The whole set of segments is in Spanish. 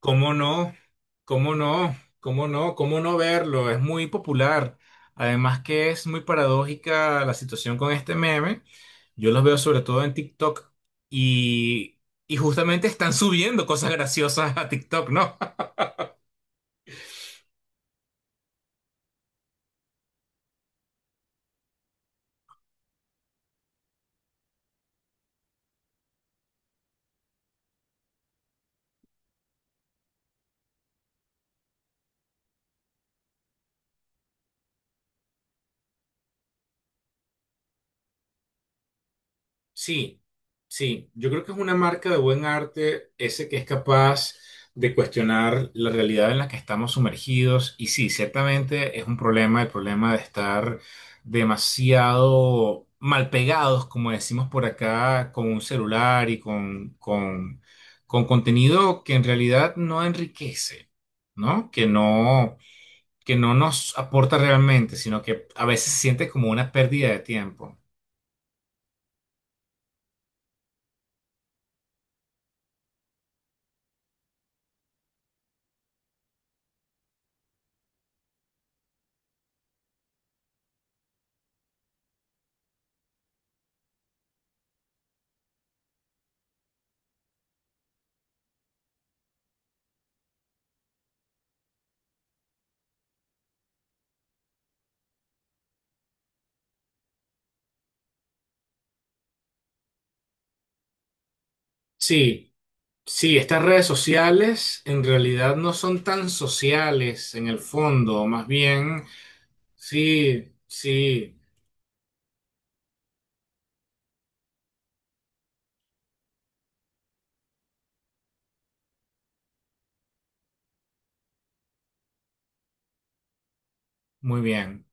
¿Cómo no? ¿Cómo no? ¿Cómo no? ¿Cómo no verlo? Es muy popular. Además que es muy paradójica la situación con este meme. Yo los veo sobre todo en TikTok y, y justamente están subiendo cosas graciosas a TikTok, ¿no? Sí, sí, yo creo que es una marca de buen arte ese que es capaz de cuestionar la realidad en la que estamos sumergidos y sí, ciertamente es un problema, el problema de estar demasiado mal pegados, como decimos por acá, con un celular y con contenido que en realidad no enriquece, ¿no? Que no nos aporta realmente, sino que a veces se siente como una pérdida de tiempo. Sí. Sí, estas redes sociales en realidad no son tan sociales en el fondo, más bien, sí, sí, muy bien.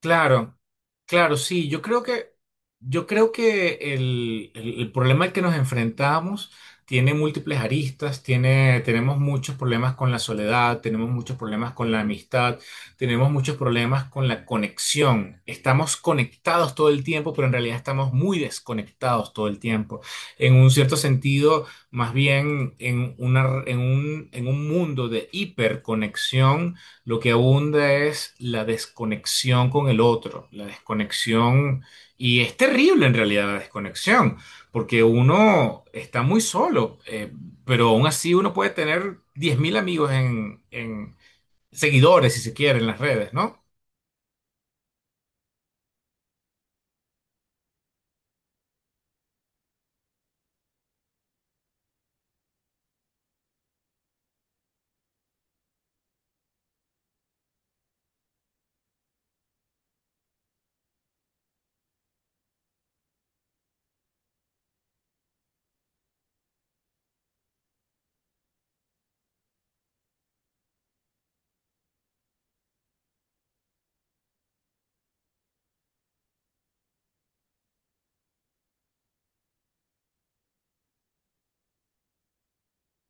Claro, claro, sí. Yo creo que el problema al que nos enfrentamos tiene múltiples aristas, tenemos muchos problemas con la soledad, tenemos muchos problemas con la amistad, tenemos muchos problemas con la conexión. Estamos conectados todo el tiempo, pero en realidad estamos muy desconectados todo el tiempo. En un cierto sentido, más bien en un mundo de hiperconexión lo que abunda es la desconexión con el otro, la desconexión, y es terrible en realidad la desconexión, porque uno está muy solo, pero aún así uno puede tener 10,000 amigos en seguidores, si se quiere, en las redes, ¿no?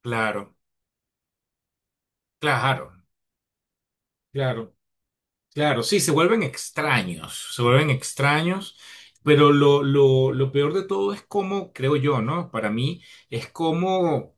Claro, claro, claro, claro, sí, se vuelven extraños, pero lo peor de todo es cómo, creo yo, ¿no? Para mí es cómo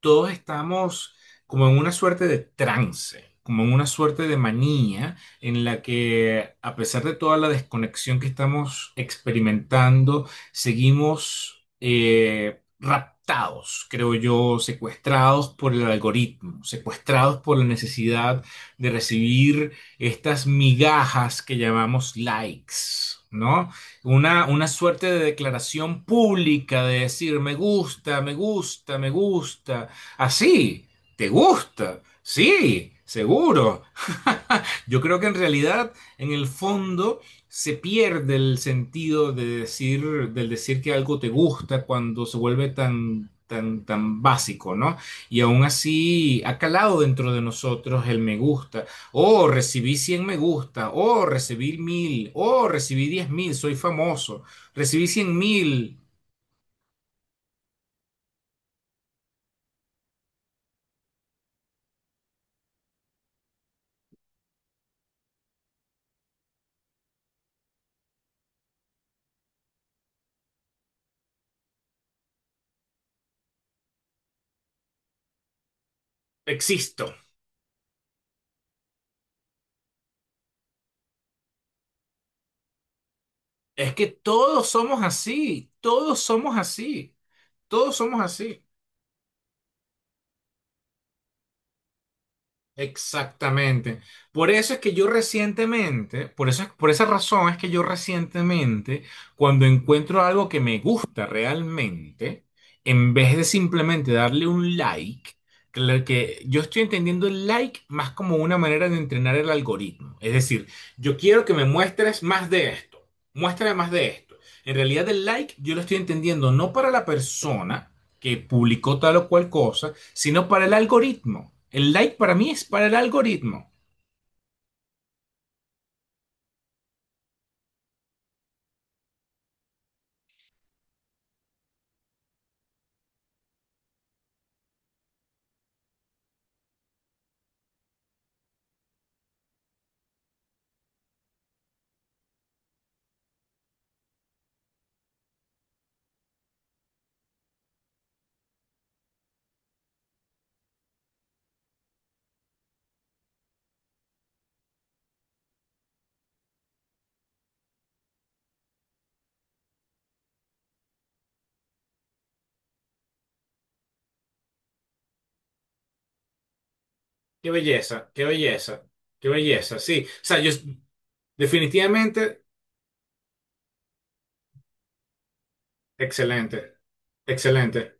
todos estamos como en una suerte de trance, como en una suerte de manía en la que a pesar de toda la desconexión que estamos experimentando, seguimos raptados, creo yo, secuestrados por el algoritmo, secuestrados por la necesidad de recibir estas migajas que llamamos likes. ¿No? Una suerte de declaración pública de decir me gusta, me gusta, me gusta, así, ¿te gusta? Sí, seguro. Yo creo que en realidad, en el fondo, se pierde el sentido de decir, del decir que algo te gusta cuando se vuelve tan, tan, tan básico, ¿no? Y aún así ha calado dentro de nosotros el me gusta. Oh, recibí 100 me gusta. Oh, recibí 1,000. Oh, recibí 10,000. Soy famoso. Recibí 100,000. Existo. Es que todos somos así, todos somos así, todos somos así. Exactamente. Por eso, por esa razón es que yo recientemente, cuando encuentro algo que me gusta realmente, en vez de simplemente darle un like, que lo que yo estoy entendiendo el like más como una manera de entrenar el algoritmo. Es decir, yo quiero que me muestres más de esto, muéstrame más de esto. En realidad el like yo lo estoy entendiendo no para la persona, que publicó tal o cual cosa, sino para el algoritmo. El like para mí es para el algoritmo. Qué belleza, qué belleza, qué belleza. Sí, o sea, yo definitivamente, excelente, excelente.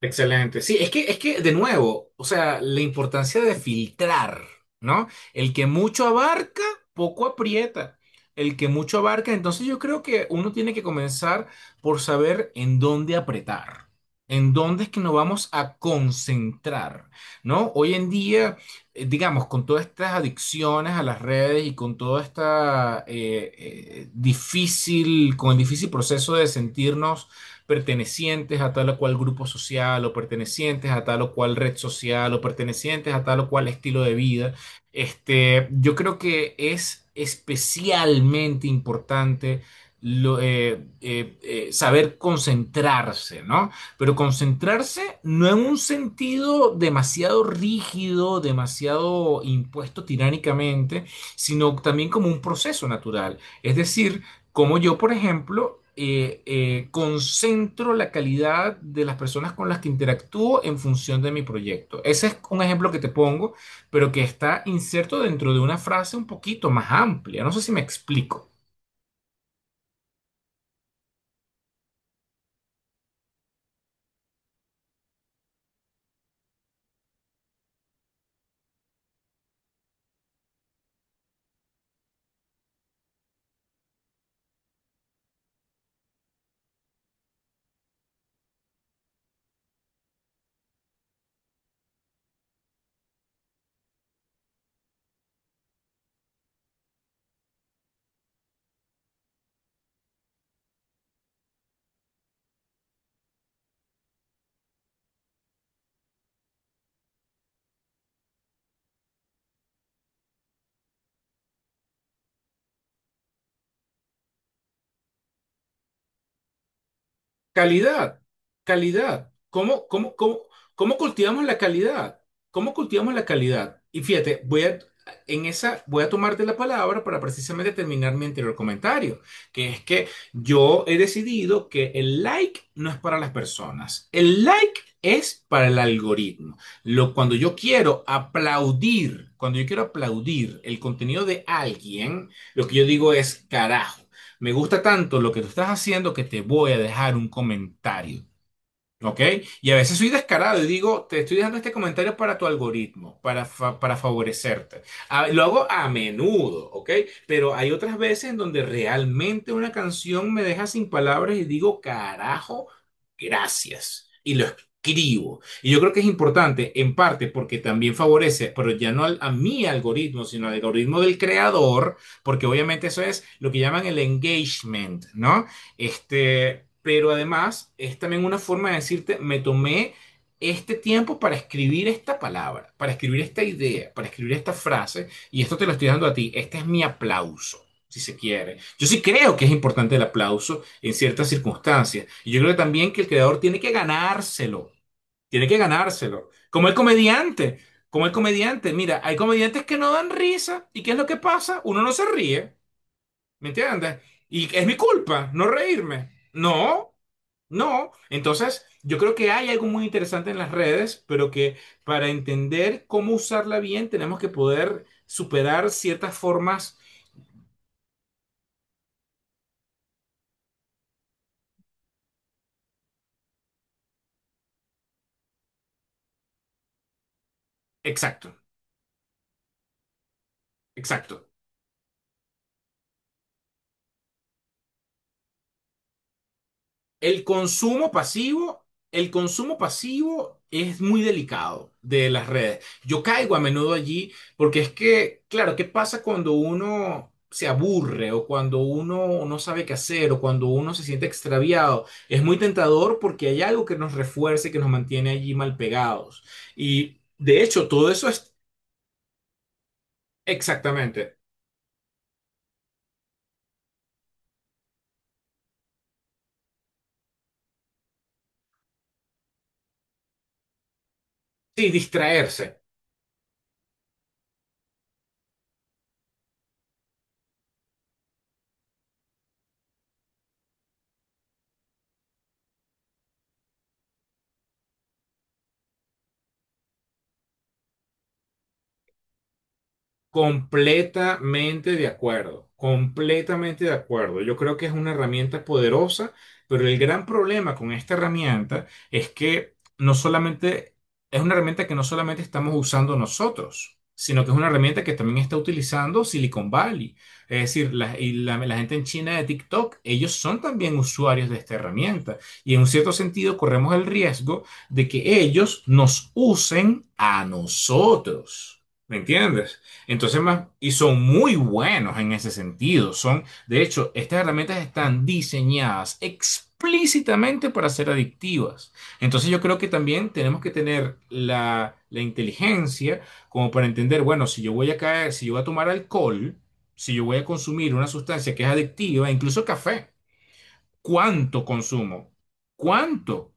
Excelente. Sí, es que, de nuevo, o sea, la importancia de filtrar, ¿no? El que mucho abarca, poco aprieta. El que mucho abarca, entonces yo creo que uno tiene que comenzar por saber en dónde apretar, en dónde es que nos vamos a concentrar, ¿no? Hoy en día, digamos, con todas estas adicciones a las redes y con toda esta con el difícil proceso de sentirnos pertenecientes a tal o cual grupo social o pertenecientes a tal o cual red social o pertenecientes a tal o cual estilo de vida. Este, yo creo que es especialmente importante saber concentrarse, ¿no? Pero concentrarse no en un sentido demasiado rígido, demasiado impuesto tiránicamente, sino también como un proceso natural. Es decir, como yo, por ejemplo, concentro la calidad de las personas con las que interactúo en función de mi proyecto. Ese es un ejemplo que te pongo, pero que está inserto dentro de una frase un poquito más amplia. No sé si me explico. Calidad, calidad. ¿Cómo cultivamos la calidad? ¿Cómo cultivamos la calidad? Y fíjate, en esa, voy a tomarte la palabra para precisamente terminar mi anterior comentario, que es que yo he decidido que el like no es para las personas. El like es para el algoritmo. Lo, cuando yo quiero aplaudir, cuando yo quiero aplaudir el contenido de alguien, lo que yo digo es carajo. Me gusta tanto lo que tú estás haciendo que te voy a dejar un comentario. ¿Ok? Y a veces soy descarado y digo, te estoy dejando este comentario para tu algoritmo, para favorecerte. Lo hago a menudo, ¿ok? Pero hay otras veces en donde realmente una canción me deja sin palabras y digo, carajo, gracias. Y lo escribo. Y yo creo que es importante, en parte, porque también favorece, pero ya no a mi algoritmo, sino al algoritmo del creador, porque obviamente eso es lo que llaman el engagement, ¿no? Este, pero además es también una forma de decirte, me tomé este tiempo para escribir esta palabra, para escribir esta idea, para escribir esta frase, y esto te lo estoy dando a ti. Este es mi aplauso, si se quiere. Yo sí creo que es importante el aplauso en ciertas circunstancias. Y yo creo también que el creador tiene que ganárselo, tiene que ganárselo. Como el comediante, como el comediante. Mira, hay comediantes que no dan risa, ¿y qué es lo que pasa? Uno no se ríe. ¿Me entiendes? Y es mi culpa no reírme. No, no. Entonces, yo creo que hay algo muy interesante en las redes, pero que para entender cómo usarla bien tenemos que poder superar ciertas formas. Exacto, exacto. El consumo pasivo es muy delicado de las redes. Yo caigo a menudo allí porque es que, claro, ¿qué pasa cuando uno se aburre o cuando uno no sabe qué hacer o cuando uno se siente extraviado? Es muy tentador porque hay algo que nos refuerce, que nos mantiene allí mal pegados. Y de hecho, todo eso es exactamente, sí, distraerse. Completamente de acuerdo, completamente de acuerdo. Yo creo que es una herramienta poderosa, pero el gran problema con esta herramienta es que no solamente es una herramienta que no solamente estamos usando nosotros, sino que es una herramienta que también está utilizando Silicon Valley. Es decir, la gente en China de TikTok, ellos son también usuarios de esta herramienta. Y en un cierto sentido corremos el riesgo de que ellos nos usen a nosotros. ¿Me entiendes? Entonces, más, y son muy buenos en ese sentido. Son, de hecho, estas herramientas están diseñadas explícitamente para ser adictivas. Entonces, yo creo que también tenemos que tener la inteligencia como para entender, bueno, si yo voy a caer, si yo voy a tomar alcohol, si yo voy a consumir una sustancia que es adictiva, incluso café, ¿cuánto consumo? ¿Cuánto?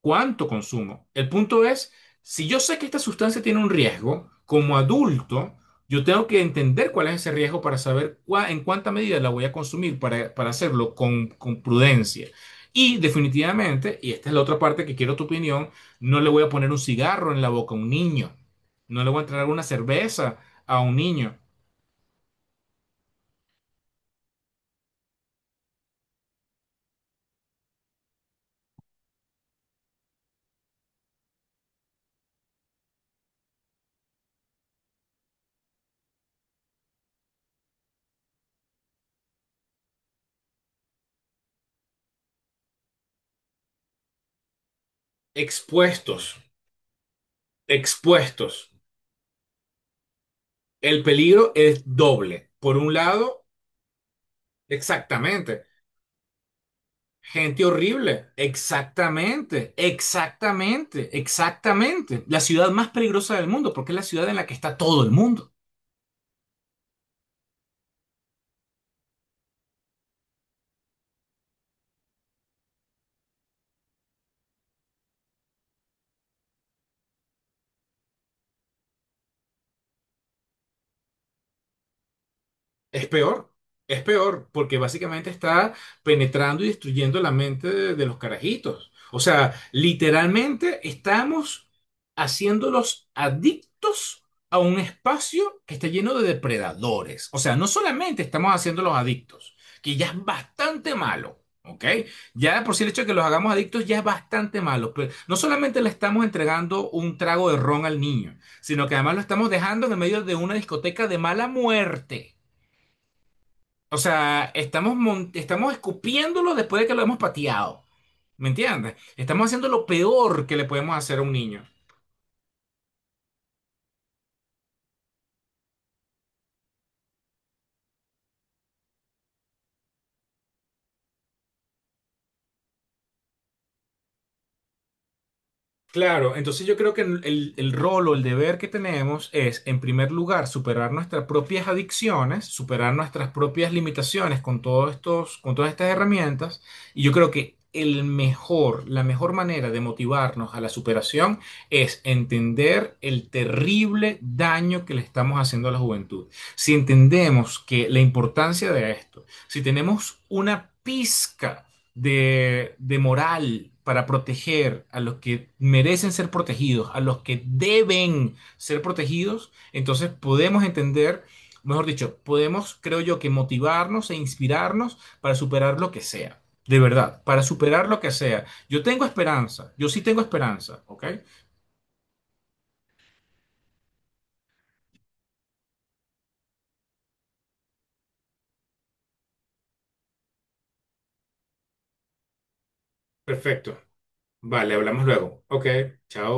Cuánto consumo. El punto es, si yo sé que esta sustancia tiene un riesgo, como adulto, yo tengo que entender cuál es ese riesgo para saber en cuánta medida la voy a consumir para hacerlo con prudencia. Y definitivamente, y esta es la otra parte que quiero tu opinión, no le voy a poner un cigarro en la boca a un niño. No le voy a entregar una cerveza a un niño. Expuestos, expuestos. El peligro es doble. Por un lado, exactamente. Gente horrible. Exactamente, exactamente, exactamente. La ciudad más peligrosa del mundo, porque es la ciudad en la que está todo el mundo. Es peor, es peor, porque básicamente está penetrando y destruyendo la mente de los carajitos. O sea, literalmente estamos haciéndolos adictos a un espacio que está lleno de depredadores. O sea, no solamente estamos haciéndolos adictos, que ya es bastante malo. ¿Ok? Ya por si el hecho de que los hagamos adictos ya es bastante malo, pero no solamente le estamos entregando un trago de ron al niño, sino que además lo estamos dejando en el medio de una discoteca de mala muerte. O sea, estamos, estamos escupiéndolo después de que lo hemos pateado. ¿Me entiendes? Estamos haciendo lo peor que le podemos hacer a un niño. Claro, entonces yo creo que el rol o el deber que tenemos es, en primer lugar, superar nuestras propias adicciones, superar nuestras propias limitaciones con todos estos, con todas estas herramientas. Y yo creo que el mejor, la mejor manera de motivarnos a la superación es entender el terrible daño que le estamos haciendo a la juventud. Si entendemos que la importancia de esto, si tenemos una pizca de moral para proteger a los que merecen ser protegidos, a los que deben ser protegidos, entonces podemos entender, mejor dicho, podemos, creo yo, que motivarnos e inspirarnos para superar lo que sea. De verdad, para superar lo que sea. Yo tengo esperanza, yo sí tengo esperanza, ¿ok? Perfecto. Vale, hablamos luego. Ok, chao.